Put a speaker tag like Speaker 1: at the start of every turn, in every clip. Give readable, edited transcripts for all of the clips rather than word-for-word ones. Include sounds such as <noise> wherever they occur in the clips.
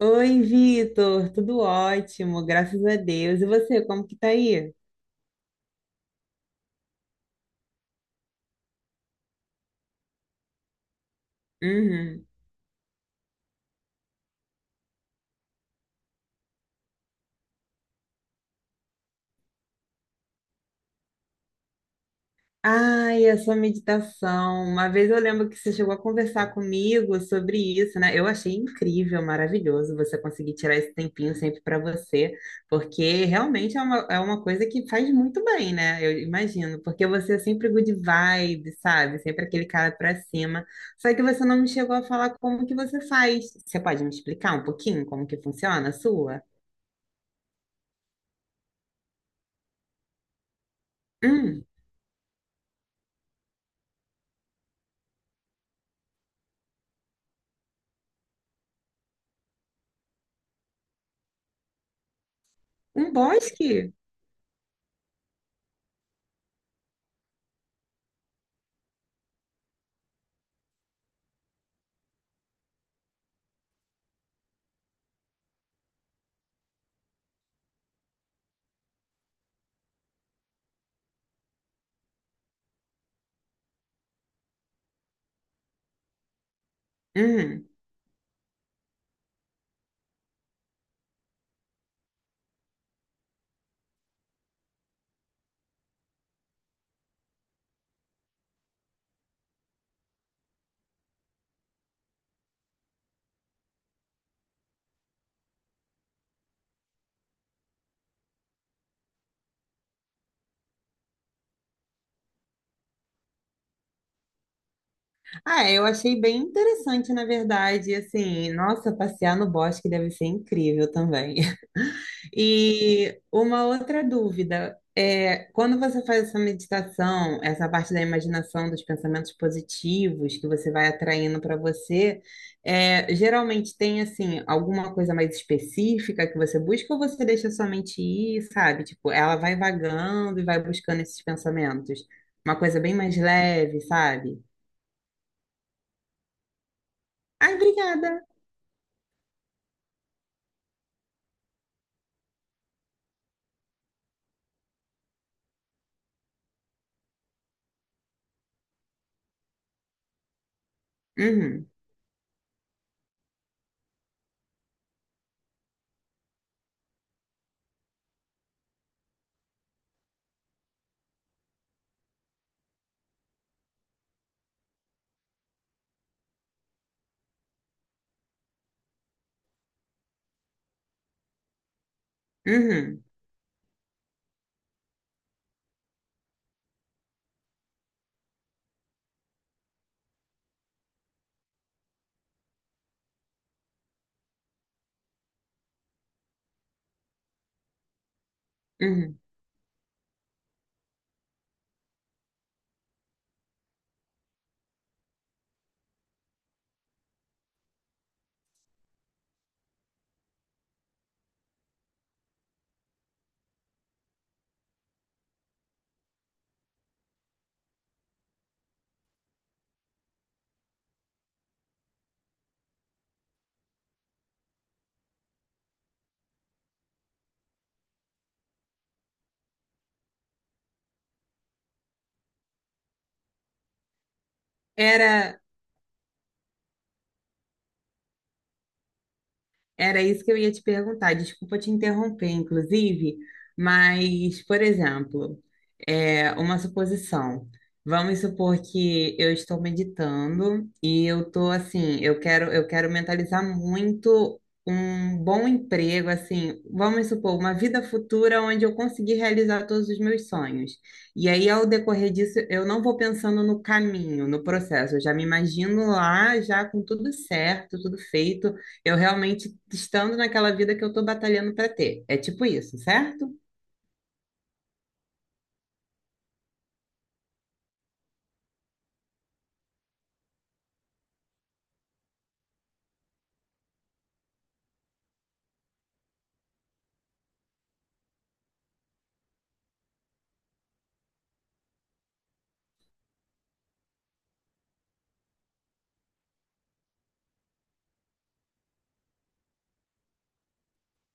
Speaker 1: Oi, Vitor, tudo ótimo, graças a Deus. E você, como que tá aí? Uhum. Ai, a sua meditação. Uma vez eu lembro que você chegou a conversar comigo sobre isso, né? Eu achei incrível, maravilhoso você conseguir tirar esse tempinho sempre para você, porque realmente é uma coisa que faz muito bem, né? Eu imagino, porque você é sempre good vibe, sabe? Sempre aquele cara para cima. Só que você não me chegou a falar como que você faz. Você pode me explicar um pouquinho como que funciona a sua? Hum, Um bosque? Hum. Ah, eu achei bem interessante, na verdade. Assim, nossa, passear no bosque deve ser incrível também. <laughs> E uma outra dúvida é, quando você faz essa meditação, essa parte da imaginação, dos pensamentos positivos que você vai atraindo para você, geralmente tem assim alguma coisa mais específica que você busca ou você deixa sua mente ir, sabe? Tipo, ela vai vagando e vai buscando esses pensamentos. Uma coisa bem mais leve, sabe? Ai, obrigada. Uhum, uhum, uhum. Era, Era isso que eu ia te perguntar. Desculpa te interromper, inclusive, mas, por exemplo, é uma suposição. Vamos supor que eu estou meditando e eu estou assim, eu quero mentalizar muito um bom emprego, assim, vamos supor, uma vida futura onde eu conseguir realizar todos os meus sonhos. E aí, ao decorrer disso, eu não vou pensando no caminho, no processo, eu já me imagino lá, já com tudo certo, tudo feito. Eu realmente estando naquela vida que eu tô batalhando pra ter. É tipo isso, certo?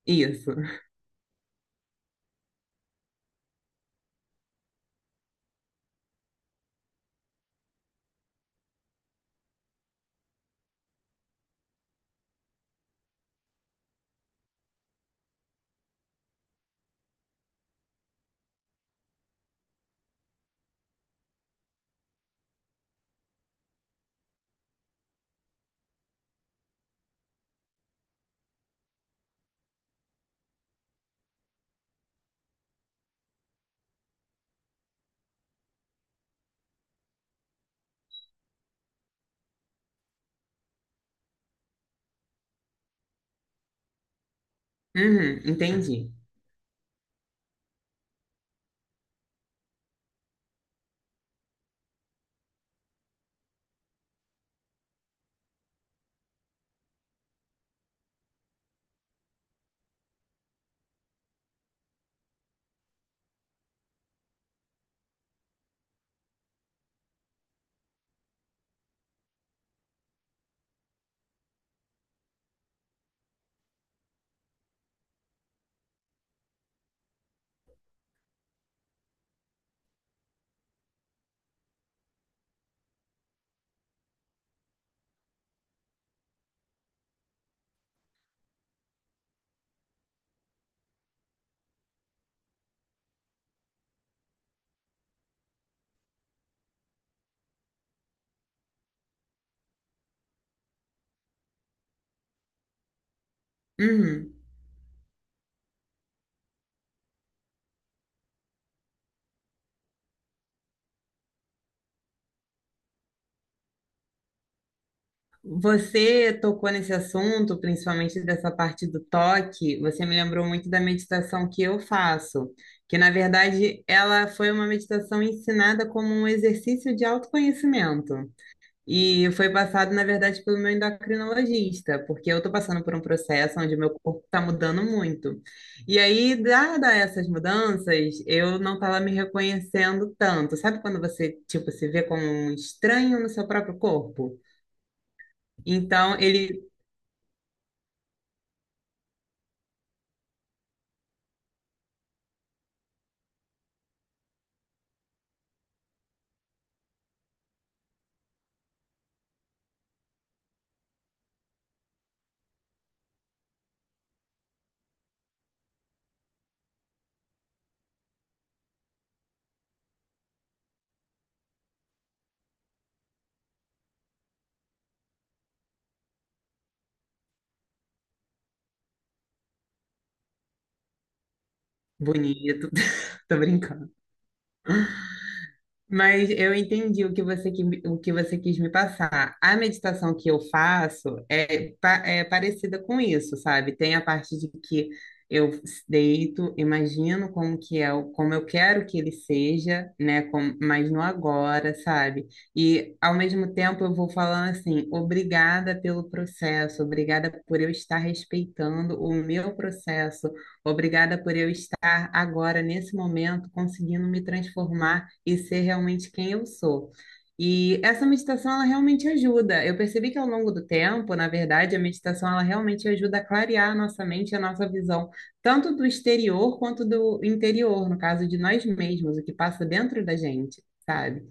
Speaker 1: Isso. Uhum, entendi. Uhum. Você tocou nesse assunto, principalmente dessa parte do toque, você me lembrou muito da meditação que eu faço, que na verdade ela foi uma meditação ensinada como um exercício de autoconhecimento. E foi passado, na verdade, pelo meu endocrinologista, porque eu estou passando por um processo onde meu corpo está mudando muito. E aí, dada essas mudanças, eu não estava me reconhecendo tanto. Sabe quando você, tipo, se vê como um estranho no seu próprio corpo? Então, ele, bonito, <laughs> tô brincando. Mas eu entendi o que você quis me passar. A meditação que eu faço é parecida com isso, sabe? Tem a parte de que eu deito, imagino como que é, como eu quero que ele seja, né? Como, mas no agora, sabe? E ao mesmo tempo eu vou falando assim, obrigada pelo processo, obrigada por eu estar respeitando o meu processo, obrigada por eu estar agora, nesse momento, conseguindo me transformar e ser realmente quem eu sou. E essa meditação, ela realmente ajuda. Eu percebi que ao longo do tempo, na verdade, a meditação, ela realmente ajuda a clarear a nossa mente, e a nossa visão, tanto do exterior quanto do interior, no caso de nós mesmos, o que passa dentro da gente, sabe?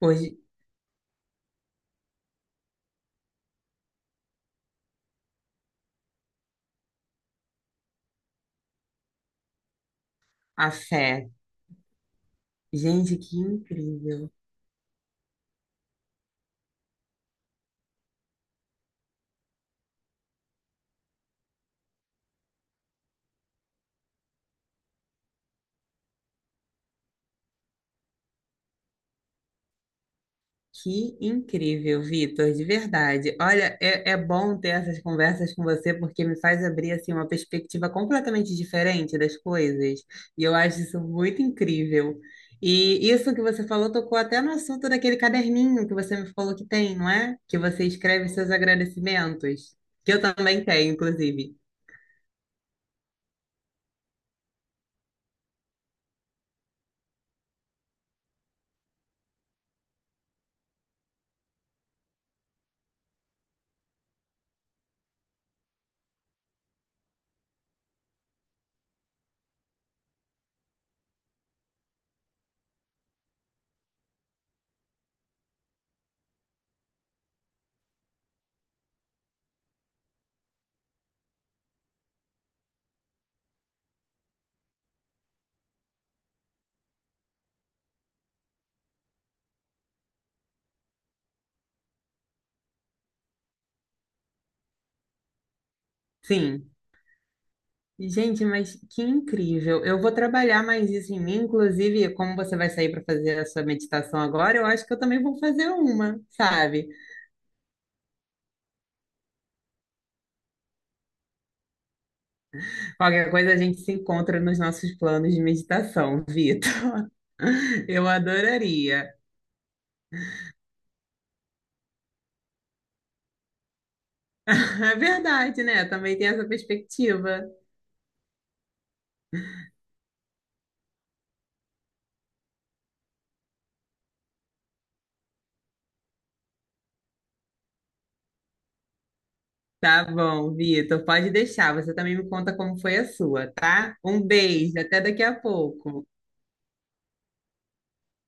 Speaker 1: Hoje, a fé. Gente, que incrível. Que incrível, Vitor, de verdade. Olha, é bom ter essas conversas com você porque me faz abrir assim uma perspectiva completamente diferente das coisas. E eu acho isso muito incrível. E isso que você falou tocou até no assunto daquele caderninho que você me falou que tem, não é? Que você escreve seus agradecimentos, que eu também tenho, inclusive. Sim. Gente, mas que incrível. Eu vou trabalhar mais isso em mim, inclusive, como você vai sair para fazer a sua meditação agora, eu acho que eu também vou fazer uma, sabe? Qualquer coisa a gente se encontra nos nossos planos de meditação, Vitor. <laughs> Eu adoraria. É verdade, né? Também tem essa perspectiva. Tá bom, Vitor, pode deixar. Você também me conta como foi a sua, tá? Um beijo, até daqui a pouco.